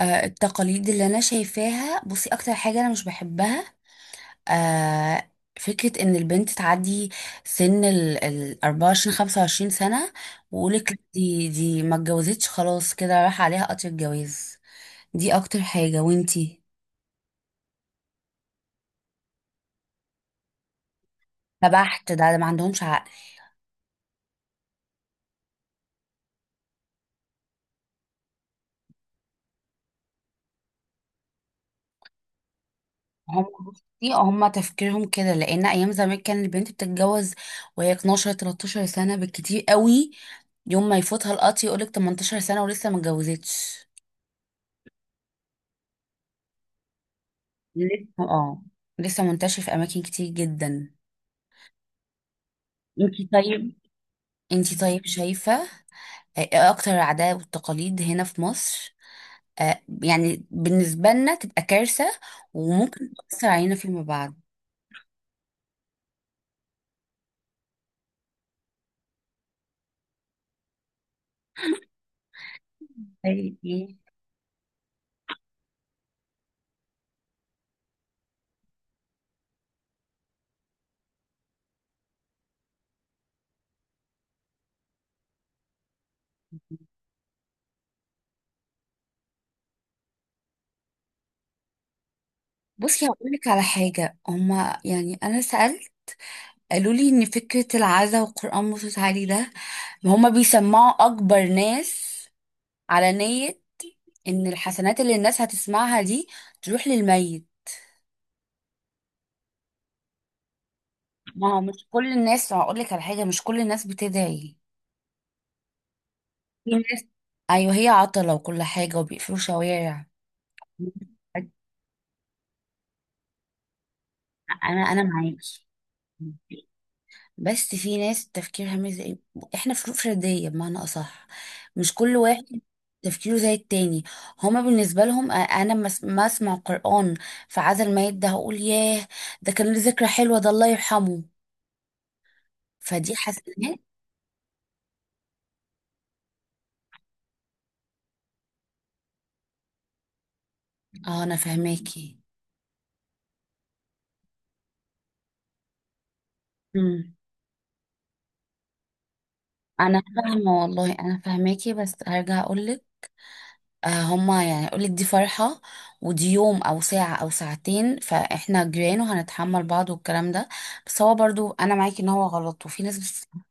التقاليد اللي انا شايفاها، بصي اكتر حاجه انا مش بحبها، آه، فكره ان البنت تعدي سن ال 24 25 سنه، ويقولك دي ما اتجوزتش، خلاص كده راح عليها قطر الجواز. دي اكتر حاجه، وانتي؟ فبحت ده ما عندهمش عقل. هم، بصي هم تفكيرهم كده لان ايام زمان كان البنت بتتجوز وهي 12 13 سنه بالكتير قوي. يوم ما يفوتها القطر يقولك 18 سنه ولسه ما اتجوزتش. لسه، اه، لسه منتشر في اماكن كتير جدا. انتي طيب انتي طيب شايفة؟ ايه اكتر العادات والتقاليد هنا في مصر؟ يعني بالنسبة لنا تبقى كارثة، وممكن تأثر علينا فيما بعد. زي ايه؟ بصي هقول لك على حاجة. هما يعني، أنا سألت، قالوا لي إن فكرة العزا والقرآن مصوت عليه ده، هما بيسمعوا أكبر ناس على نية إن الحسنات اللي الناس هتسمعها دي تروح للميت. ما هو مش كل الناس، هقول لك على حاجة، مش كل الناس بتدعي. في ناس، ايوه، هي عطلة وكل حاجة وبيقفلوا شوارع. انا معاكي، بس في ناس تفكيرها مش زي احنا، فروق فردية بمعنى اصح. مش كل واحد تفكيره زي التاني. هما بالنسبة لهم انا ما اسمع قرآن في عزا الميت ده، هقول ياه، ده كان له ذكرى حلوة، ده الله يرحمه، فدي حسنات. اه انا فهماكي. انا فاهمه والله، انا فاهماكي، بس هرجع اقولك. آه، هما يعني اقولك دي فرحه، ودي يوم او ساعه او ساعتين، فاحنا جيران وهنتحمل بعض والكلام ده. بس هو برضو انا معاكي ان هو غلط وفي ناس بتستحمله.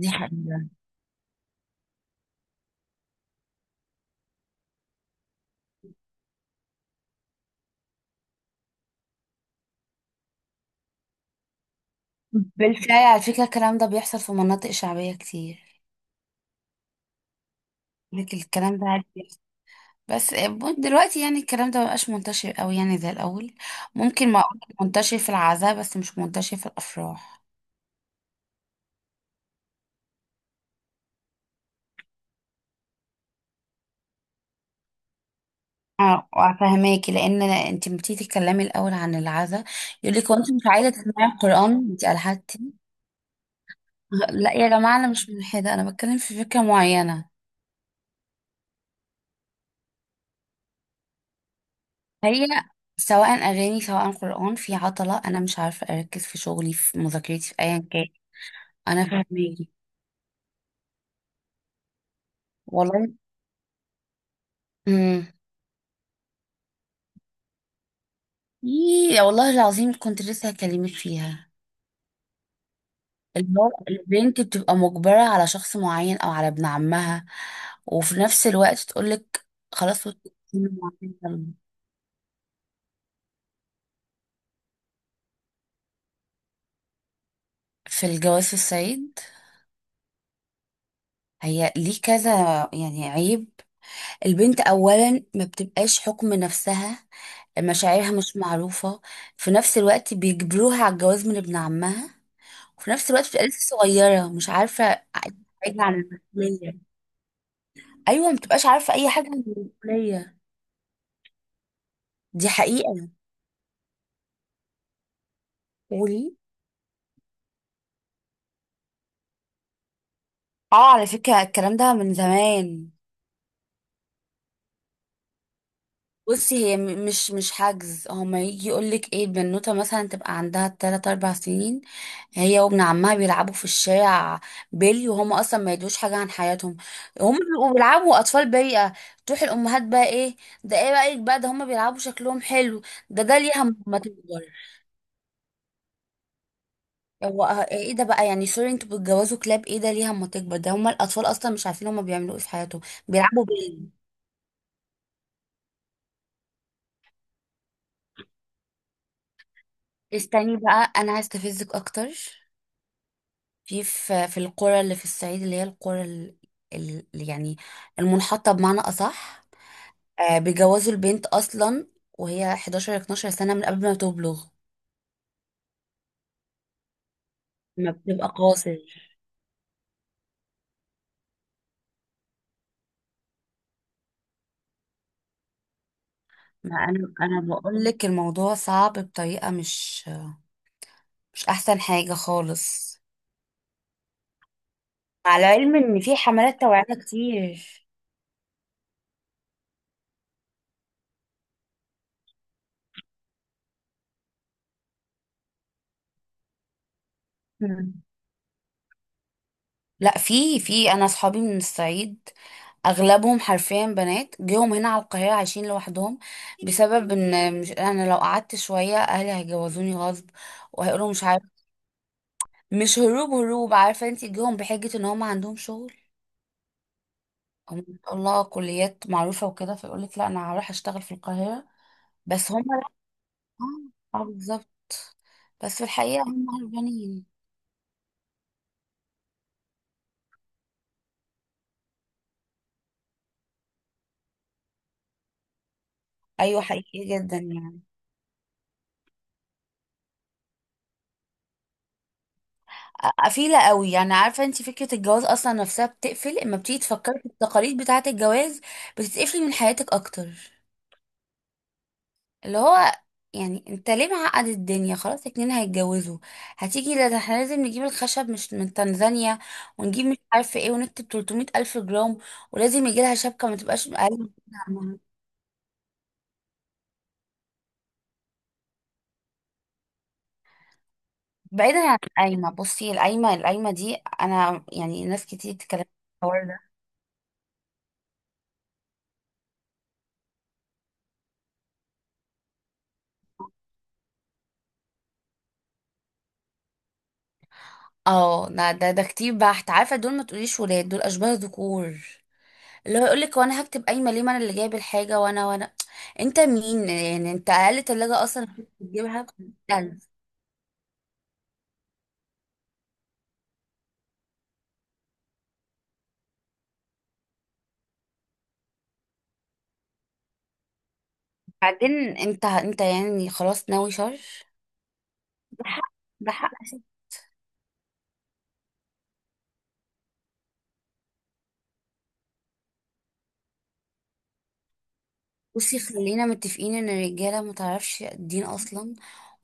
دي حقيقه. بالفعل على فكره الكلام ده بيحصل في مناطق شعبيه كتير. لك الكلام ده عادي بيحصل. بس دلوقتي يعني الكلام ده مبقاش منتشر قوي يعني زي الاول. ممكن ما اقول منتشر في العزاء، بس مش منتشر في الافراح. اه فهماكي، لان انت بتيجي تتكلمي الاول عن العزاء. يقول لك وانت مش عايزه تسمعي القران؟ انت الحدتي. لا يا جماعه، انا مش ملحده، انا بتكلم في فكره معينه. هي سواء اغاني سواء قران، في عطله، انا مش عارفه اركز في شغلي، في مذاكرتي، في ايا كان. انا فهماكي والله. امم. إيه، والله العظيم كنت لسه هكلمك فيها. البنت بتبقى مجبرة على شخص معين أو على ابن عمها، وفي نفس الوقت تقولك خلاص وتكوني معايا. في الجواز السعيد، هي ليه كذا؟ يعني عيب. البنت أولا ما بتبقاش حكم نفسها، مشاعرها مش معروفة. في نفس الوقت بيجبروها على الجواز من ابن عمها، وفي نفس الوقت بتبقى لسه صغيرة، مش عارفة حاجة عن المسؤولية. أيوة، ما بتبقاش عارفة أي حاجة عن المسؤولية. دي حقيقة. قولي. اه، على فكرة الكلام ده من زمان. بصي، هي مش حجز، هما يجي يقولك ايه، البنوتة مثلا تبقى عندها تلات أربع سنين، هي وابن عمها بيلعبوا في الشارع بيلي، وهما أصلا ما يدوش حاجة عن حياتهم. هما بيبقوا بيلعبوا، أطفال بريئة. تروح الأمهات بقى، ايه؟ ده ايه رأيك بقى، ده هما بيلعبوا شكلهم حلو، ده ليها ما تكبر. هو اه، ايه ده بقى؟ يعني سوري، انتوا بتجوزوا كلاب؟ ايه ده، ليها ما تكبر، ده هما الأطفال أصلا مش عارفين هما بيعملوا ايه في حياتهم، بيلعبوا بيلي. استني بقى، انا عايز استفزك اكتر. في القرى اللي في الصعيد، اللي هي اللي يعني المنحطه بمعنى اصح، بيجوزوا البنت اصلا وهي 11 12 سنه من قبل ما تبلغ، ما بتبقى قاصر. ما انا بقول لك الموضوع صعب بطريقه مش، مش احسن حاجه خالص. على العلم ان في حملات توعيه كتير. مم. لا، في انا اصحابي من الصعيد اغلبهم حرفيا بنات جيهم هنا على القاهره عايشين لوحدهم، بسبب ان، مش، انا لو قعدت شويه اهلي هيجوزوني غصب وهيقولوا مش عارف. مش هروب هروب، عارفه انت، جيهم بحجه ان هم عندهم شغل، هم ما شاء الله كليات معروفه وكده، فيقول لك لا انا هروح اشتغل في القاهره. بس هم لا، اه، آه، بالظبط. بس في الحقيقه هم هربانين. ايوه، حقيقي جدا يعني. قفيله قوي يعني. عارفه انت، فكره الجواز اصلا نفسها بتقفل، اما بتيجي تفكري في التقاليد بتاعه الجواز، بتتقفلي من حياتك اكتر. اللي هو يعني انت ليه معقد الدنيا؟ خلاص اتنين هيتجوزوا. هتيجي: لا ده احنا لازم نجيب الخشب مش من تنزانيا، ونجيب مش عارفه ايه، ونكتب 300 الف جرام، ولازم يجي لها شبكه ما تبقاش اقل من كده عنها. بعيدا عن القايمه، بصي، القايمه دي انا يعني، ناس كتير تتكلم. اه لا، ده كتير بحت، عارفه، دول ما تقوليش ولاد، دول اشباه ذكور. اللي هو يقولك وانا هكتب قايمه ليه، ما انا اللي جايب الحاجه، وانا انت مين يعني، انت اقل تلاجة اصلا بتجيبها بألف. بعدين انت يعني خلاص ناوي شر. ده حق، ده حق. بصي، خلينا متفقين ان الرجاله ما تعرفش الدين اصلا،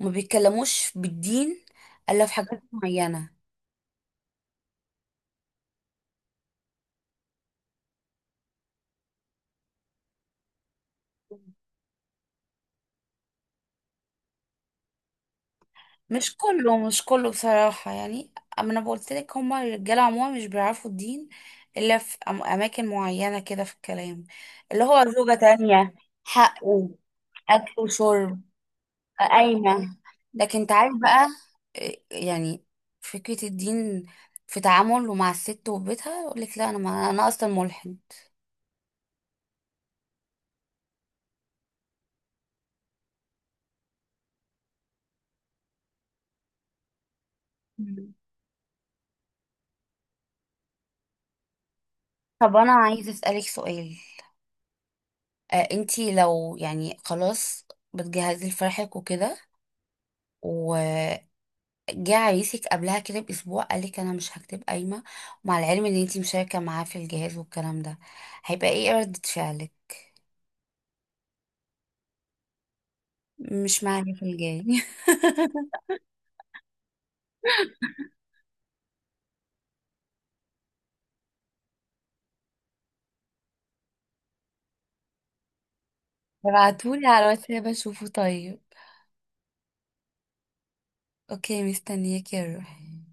وما بيتكلموش بالدين الا في حاجات معينه. مش كله مش كله بصراحة يعني. أما أنا قلت لك هما الرجالة عموما مش بيعرفوا الدين إلا في أماكن معينة كده في الكلام، اللي هو زوجة تانية، حقه، أكل وشرب، قايمة. لكن أنت عارف بقى، إيه، يعني فكرة الدين في تعامله مع الست وبيتها يقول لك لا أنا، ما أنا أصلا ملحد. مم. طب أنا عايزة أسألك سؤال. أنتي لو يعني خلاص بتجهزي لفرحك وكده، جه عريسك قبلها كده باسبوع قالك انا مش هكتب قايمه، ومع العلم ان انتي مشاركه معاه في الجهاز والكلام ده، هيبقى ايه ردة فعلك؟ مش معايا في الجاي. ابعتولي على الواتساب اشوفه طيب. اوكي، مستنياك يا روحي.